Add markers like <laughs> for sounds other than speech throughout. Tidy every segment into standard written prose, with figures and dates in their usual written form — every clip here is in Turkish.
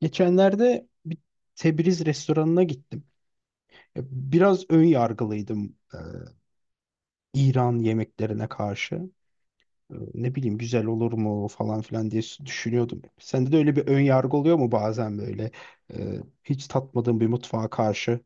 Geçenlerde bir Tebriz restoranına gittim. Ya, biraz ön yargılıydım, İran yemeklerine karşı. Ne bileyim güzel olur mu falan filan diye düşünüyordum. Sende de öyle bir ön yargı oluyor mu bazen böyle, hiç tatmadığın bir mutfağa karşı?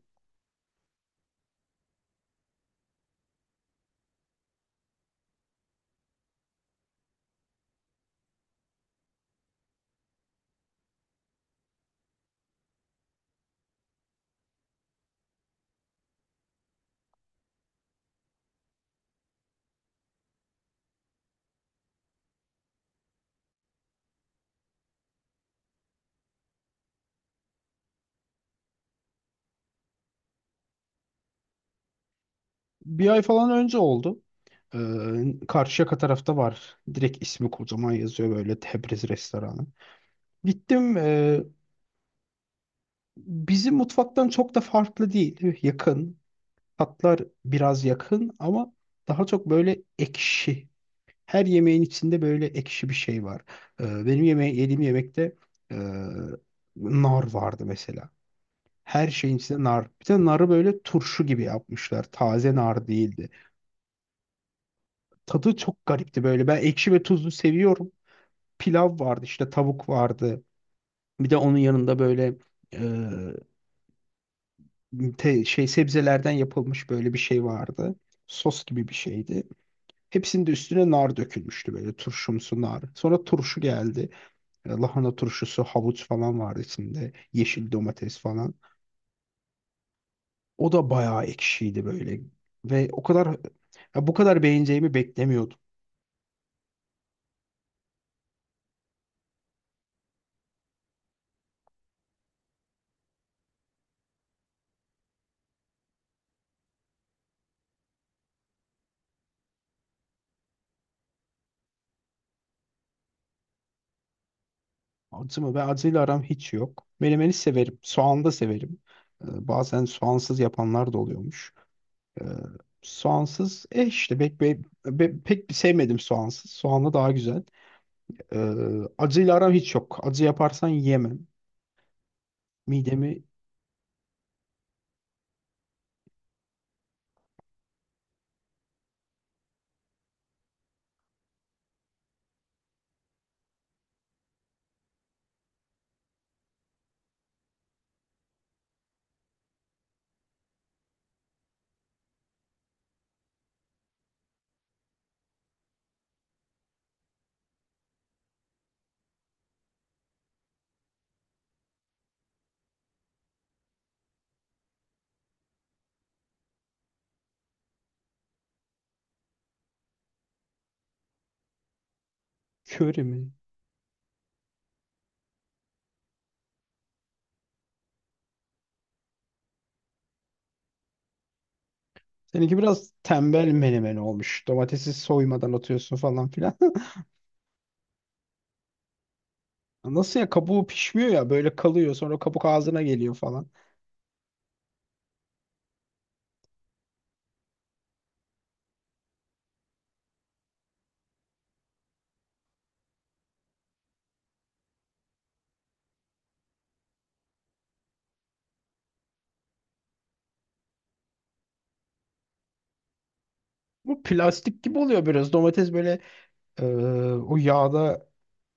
Bir ay falan önce oldu. Karşıyaka tarafta var. Direkt ismi kocaman yazıyor böyle, Tebriz restoranı. Gittim, bizim mutfaktan çok da farklı değil. Yakın. Tatlar biraz yakın ama daha çok böyle ekşi. Her yemeğin içinde böyle ekşi bir şey var. Benim yediğim yemekte, e, nar vardı mesela. Her şeyin içinde nar. Bir de narı böyle turşu gibi yapmışlar. Taze nar değildi. Tadı çok garipti böyle. Ben ekşi ve tuzlu seviyorum. Pilav vardı işte, tavuk vardı. Bir de onun yanında böyle, e, sebzelerden yapılmış böyle bir şey vardı. Sos gibi bir şeydi. Hepsinin de üstüne nar dökülmüştü, böyle turşumsu nar. Sonra turşu geldi. Lahana turşusu, havuç falan vardı içinde. Yeşil domates falan. O da bayağı ekşiydi böyle. Ve o kadar ya bu kadar beğeneceğimi beklemiyordum. Acı mı? Ve acıyla aram hiç yok. Menemeni severim. Soğan da severim. Bazen soğansız yapanlar da oluyormuş. E, Soğansız, işte pek, pek sevmedim soğansız. Soğanlı daha güzel. E, Acıyla aram hiç yok. Acı yaparsan yemem. Midemi. Köri mi? Seninki biraz tembel menemen olmuş. Domatesi soymadan atıyorsun falan filan. <laughs> Nasıl ya, kabuğu pişmiyor, ya böyle kalıyor sonra kabuk ağzına geliyor falan. Bu plastik gibi oluyor biraz. Domates böyle, Ee, o yağda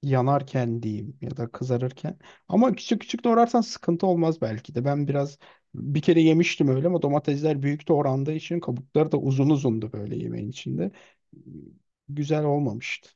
yanarken diyeyim ya da kızarırken. Ama küçük küçük doğrarsan sıkıntı olmaz belki de. Ben biraz bir kere yemiştim öyle, ama domatesler büyük doğrandığı için kabukları da uzun uzundu böyle yemeğin içinde. Güzel olmamıştı.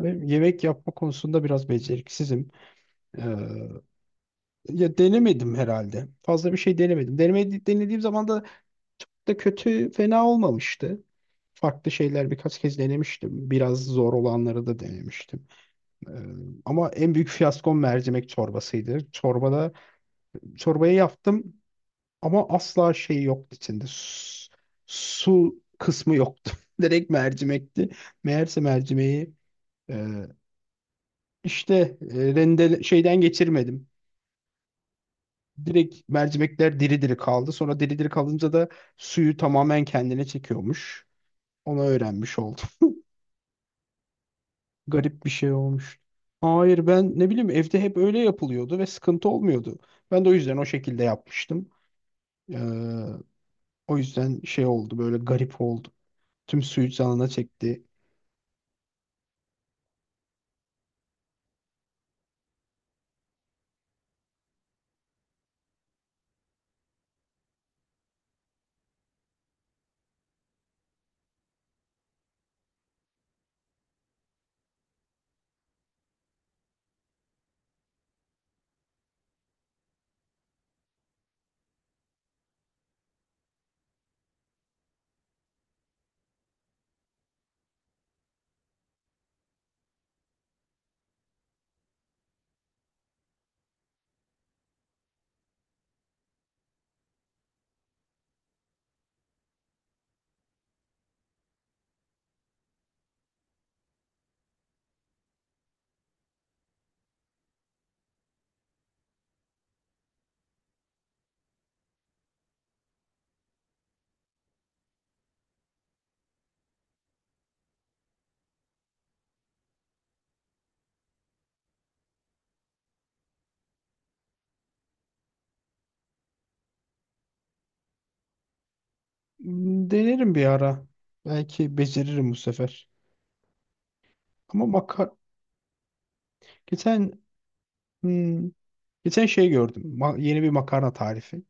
Ve yemek yapma konusunda biraz beceriksizim. Ee, Ya denemedim herhalde. Fazla bir şey denemedim. Denediğim zaman da çok da kötü, fena olmamıştı. Farklı şeyler birkaç kez denemiştim. Biraz zor olanları da denemiştim. Ee, Ama en büyük fiyaskom mercimek çorbasıydı. Çorbayı yaptım ama asla şey yoktu içinde. Su kısmı yoktu. <laughs> Direkt mercimekti. Meğerse mercimeği, e, işte, şeyden geçirmedim. Direkt mercimekler diri diri kaldı. Sonra diri diri kalınca da suyu tamamen kendine çekiyormuş. Onu öğrenmiş oldum. <laughs> Garip bir şey olmuş. Hayır, ben ne bileyim, evde hep öyle yapılıyordu ve sıkıntı olmuyordu. Ben de o yüzden o şekilde yapmıştım. Ee, O yüzden şey oldu, böyle garip oldu. Tüm suyu canına çekti. Denerim bir ara. Belki beceririm bu sefer. Ama geçen hmm, geçen şey gördüm. Yeni bir makarna tarifi.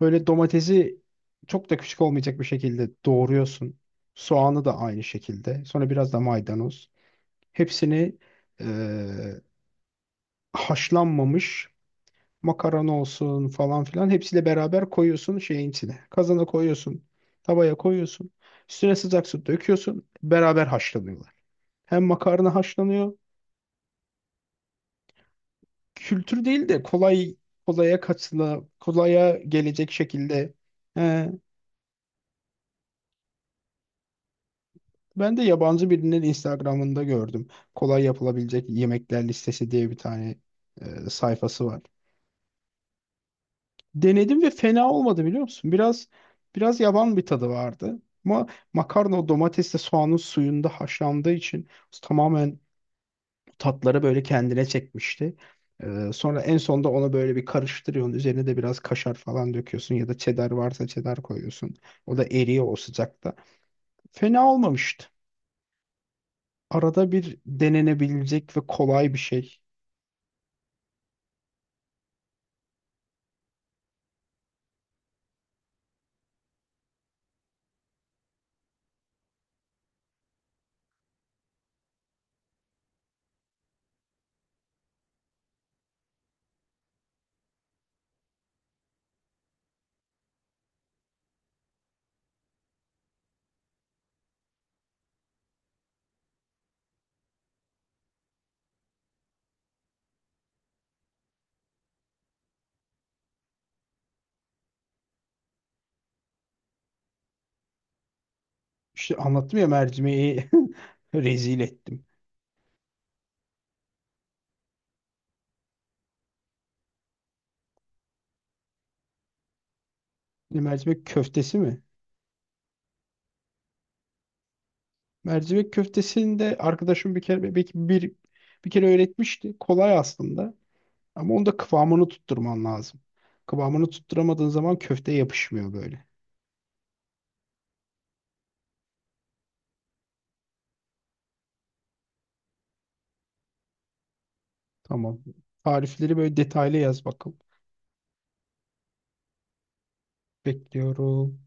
Böyle domatesi çok da küçük olmayacak bir şekilde doğruyorsun. Soğanı da aynı şekilde. Sonra biraz da maydanoz. Hepsini, e, haşlanmamış makarna olsun falan filan, hepsiyle beraber koyuyorsun şeyin içine. Kazana koyuyorsun, tavaya koyuyorsun. Üstüne sıcak su döküyorsun. Beraber haşlanıyorlar. Hem makarna haşlanıyor. Kültür değil de, kolay kolaya kaçla kolaya gelecek şekilde. He, ben de yabancı birinin Instagram'ında gördüm. Kolay yapılabilecek yemekler listesi diye bir tane sayfası var. Denedim ve fena olmadı, biliyor musun? Biraz yaban bir tadı vardı. Ama makarna o domatesle soğanın suyunda haşlandığı için tamamen tatları böyle kendine çekmişti. Sonra en sonda ona böyle bir karıştırıyorsun. Üzerine de biraz kaşar falan döküyorsun, ya da cheddar varsa cheddar koyuyorsun. O da eriyor o sıcakta. Fena olmamıştı. Arada bir denenebilecek ve kolay bir şey. İşte anlattım ya, mercimeği <laughs> rezil ettim. Ne, mercimek köftesi mi? Mercivek köftesini de arkadaşım bir kere, belki bir kere öğretmişti. Kolay aslında. Ama onda kıvamını tutturman lazım. Kıvamını tutturamadığın zaman köfte yapışmıyor böyle. Tamam. Tarifleri böyle detaylı yaz bakalım. Bekliyorum.